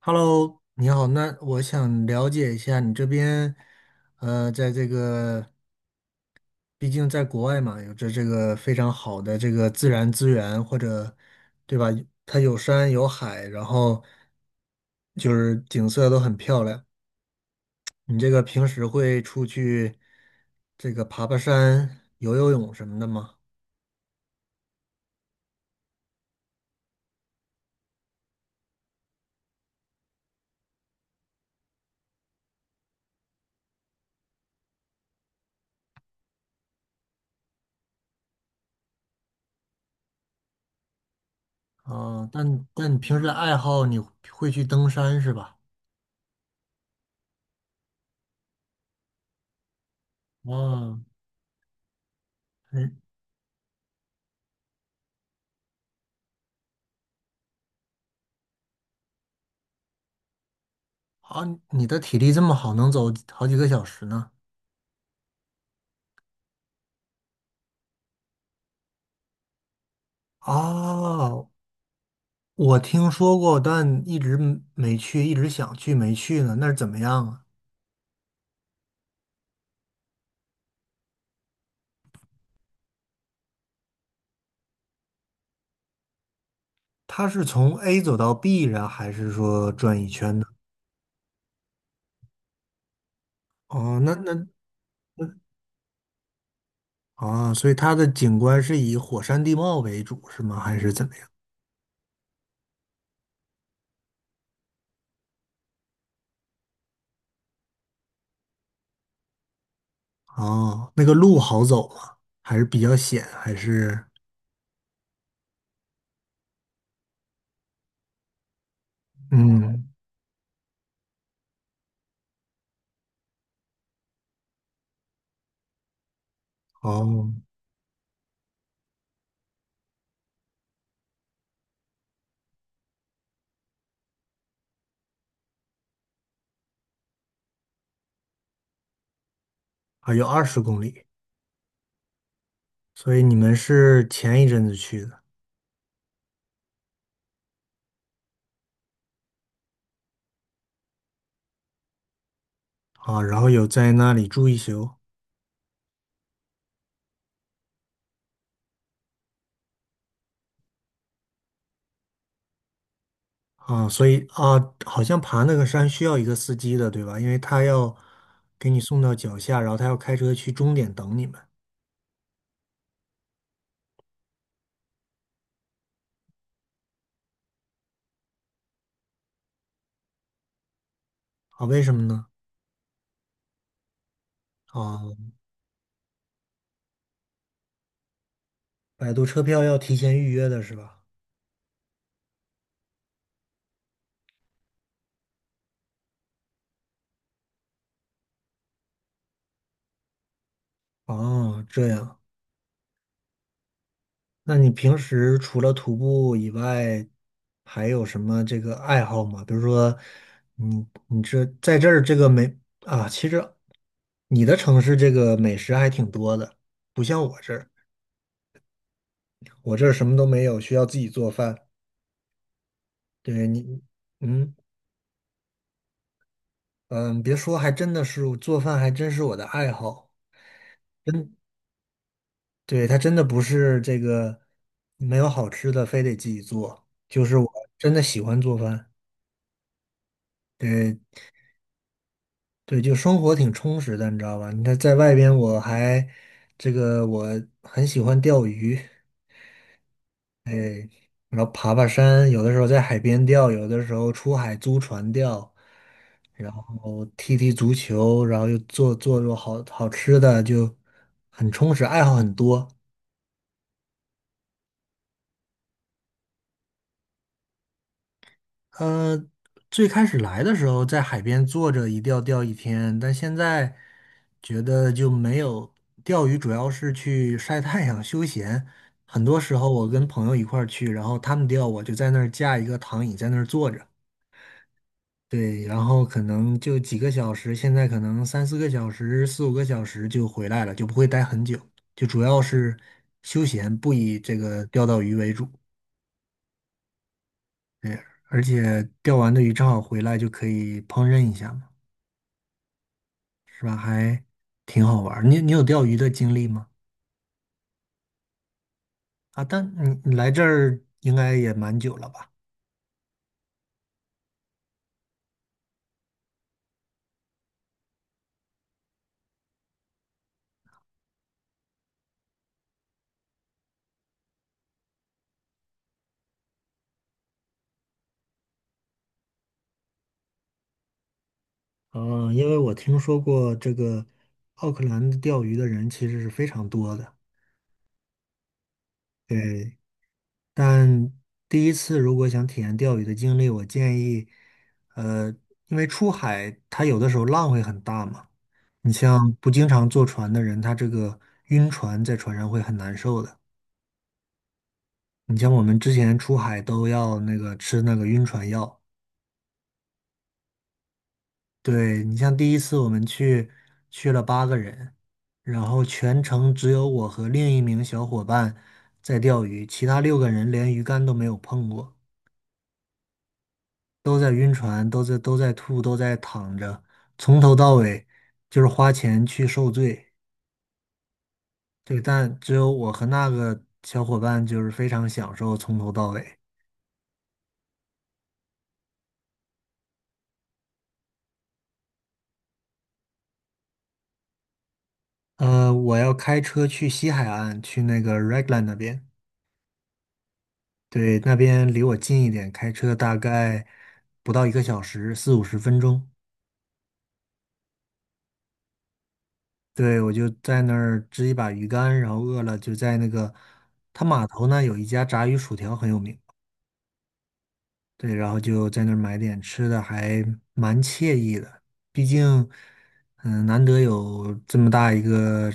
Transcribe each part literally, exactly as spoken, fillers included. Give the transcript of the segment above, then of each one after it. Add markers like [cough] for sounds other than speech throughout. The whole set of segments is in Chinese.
Hello，你好，那我想了解一下你这边，呃，在这个，毕竟在国外嘛，有着这个非常好的这个自然资源，或者，对吧？它有山有海，然后就是景色都很漂亮。你这个平时会出去这个爬爬山、游游泳什么的吗？啊，但但你平时的爱好你会去登山是吧？啊，哦，啊，你的体力这么好，能走好几个小时呢？啊，我听说过，但一直嗯没没去，一直想去没去呢。那是怎么样啊？它是从 A 走到 B 然后还是说转一圈呢？哦，那那啊，所以它的景观是以火山地貌为主是吗？还是怎么样？哦，那个路好走吗？还是比较险？还是嗯，哦，还有二十公里，所以你们是前一阵子去的。啊，然后有在那里住一宿啊，所以啊，好像爬那个山需要一个司机的，对吧？因为他要给你送到脚下，然后他要开车去终点等你们啊？为什么呢？啊，百度车票要提前预约的是吧？哦，这样，那你平时除了徒步以外，还有什么这个爱好吗？比如说，你你这在这儿这个美啊，其实你的城市这个美食还挺多的，不像我这儿。我这儿什么都没有，需要自己做饭。对你，嗯嗯，别说，还真的是做饭，还真是我的爱好。真，对，它真的不是这个没有好吃的，非得自己做，就是我真的喜欢做饭。对对，就生活挺充实的，你知道吧？你看在外边，我还这个我很喜欢钓鱼，然后爬爬山，有的时候在海边钓，有的时候出海租船钓，然后踢踢足球，然后又做做做好好吃的，就很充实，爱好很多。呃，最开始来的时候在海边坐着一钓钓一天，但现在觉得就没有钓鱼，主要是去晒太阳休闲。很多时候我跟朋友一块儿去，然后他们钓，我就在那儿架一个躺椅在那儿坐着。对，然后可能就几个小时，现在可能三四个小时、四五个小时就回来了，就不会待很久，就主要是休闲，不以这个钓到鱼为主。对，而且钓完的鱼正好回来就可以烹饪一下嘛，是吧？还挺好玩儿。你你有钓鱼的经历吗？啊，但你你来这儿应该也蛮久了吧？嗯，因为我听说过这个奥克兰的钓鱼的人其实是非常多的。对，但第一次如果想体验钓鱼的经历，我建议，呃，因为出海它有的时候浪会很大嘛，你像不经常坐船的人，他这个晕船在船上会很难受的。你像我们之前出海都要那个吃那个晕船药，对，你像第一次我们去去了八个人，然后全程只有我和另一名小伙伴在钓鱼，其他六个人连鱼竿都没有碰过。都在晕船，都在都在吐，都在躺着，从头到尾就是花钱去受罪。对，但只有我和那个小伙伴就是非常享受从头到尾。呃，我要开车去西海岸，去那个 Raglan 那边。对，那边离我近一点，开车大概不到一个小时，四五十分钟。对，我就在那儿支一把鱼竿，然后饿了就在那个，它码头呢有一家炸鱼薯条很有名。对，然后就在那儿买点吃的，还蛮惬意的。毕竟，嗯，难得有这么大一个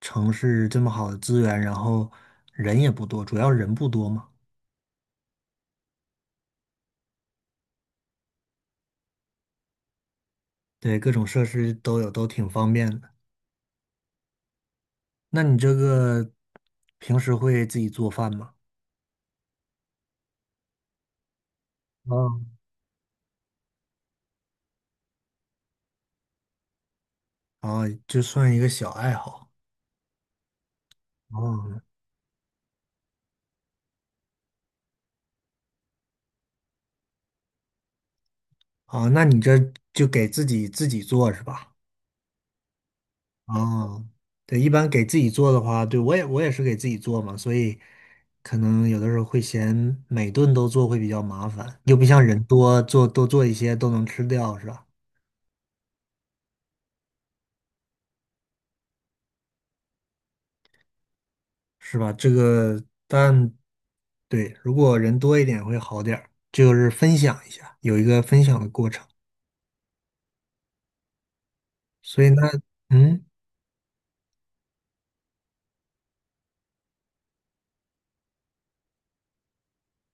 城市，这么好的资源，然后人也不多，主要人不多嘛。对，各种设施都有，都挺方便的。那你这个平时会自己做饭吗？嗯，啊，就算一个小爱好。哦，啊，那你这就给自己自己做是吧？哦，对，一般给自己做的话，对，我也我也是给自己做嘛，所以可能有的时候会嫌每顿都做会比较麻烦，又不像人多做多做一些都能吃掉，是吧？是吧？这个，但对，如果人多一点会好点儿，就是分享一下，有一个分享的过程。所以呢，嗯，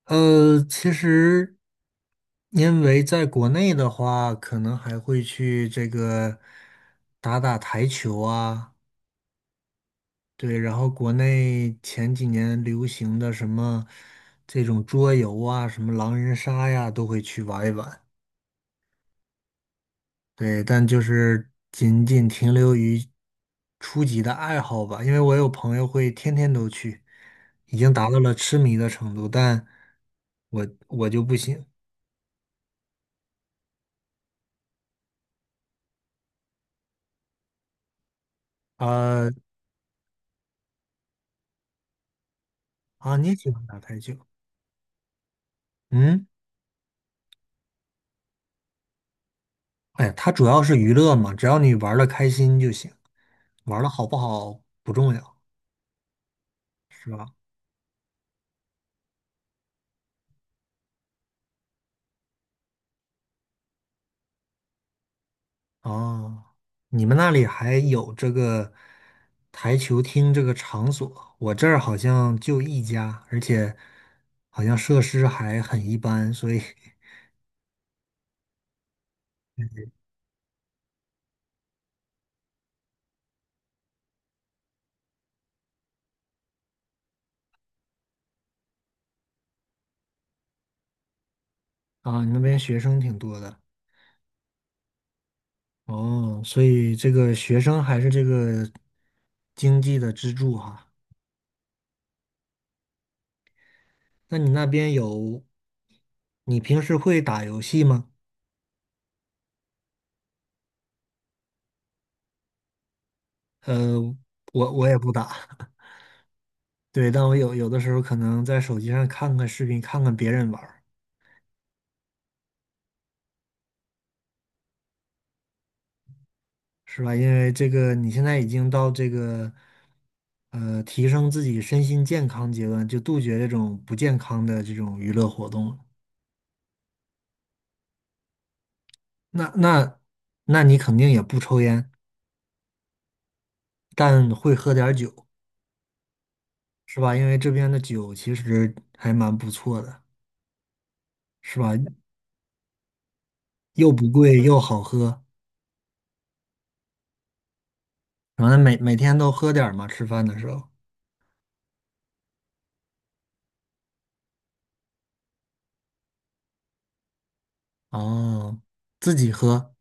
呃，其实因为在国内的话，可能还会去这个打打台球啊。对，然后国内前几年流行的什么这种桌游啊，什么狼人杀呀，都会去玩一玩。对，但就是仅仅停留于初级的爱好吧，因为我有朋友会天天都去，已经达到了痴迷的程度，但我我就不行。啊啊，你喜欢打台球？嗯，哎呀它主要是娱乐嘛，只要你玩的开心就行，玩的好不好不重要，是吧？哦，你们那里还有这个台球厅这个场所？我这儿好像就一家，而且好像设施还很一般，所以 [laughs] 啊，你那边学生挺多的。哦，所以这个学生还是这个经济的支柱哈。那你那边有，你平时会打游戏吗？呃，我我也不打，[laughs] 对，但我有有的时候可能在手机上看看视频，看看别人玩。是吧？因为这个你现在已经到这个呃提升自己身心健康阶段，就杜绝这种不健康的这种娱乐活动了那那那你肯定也不抽烟，但会喝点儿酒，是吧？因为这边的酒其实还蛮不错的，是吧？又不贵又好喝，然后每每天都喝点儿嘛，吃饭的时候。哦，自己喝。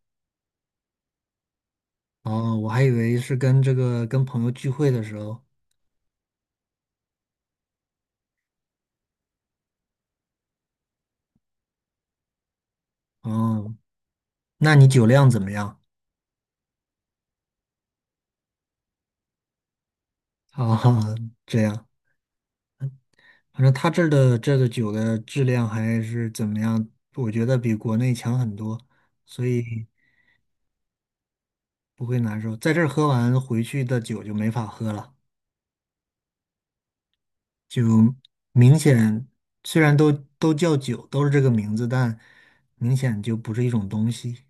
哦，我还以为是跟这个跟朋友聚会的时候。哦，那你酒量怎么样？[laughs] 啊，这样，反正他这儿的这个酒的质量还是怎么样，我觉得比国内强很多，所以不会难受。在这儿喝完回去的酒就没法喝了，就明显虽然都都叫酒，都是这个名字，但明显就不是一种东西，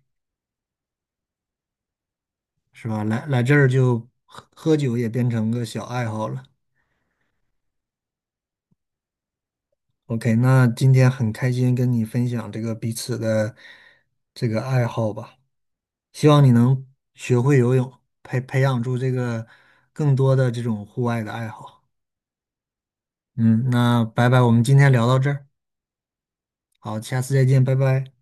是吧？来来这儿就喝喝酒也变成个小爱好了。OK，那今天很开心跟你分享这个彼此的这个爱好吧。希望你能学会游泳，培培养出这个更多的这种户外的爱好。嗯，那拜拜，我们今天聊到这儿，好，下次再见，拜拜。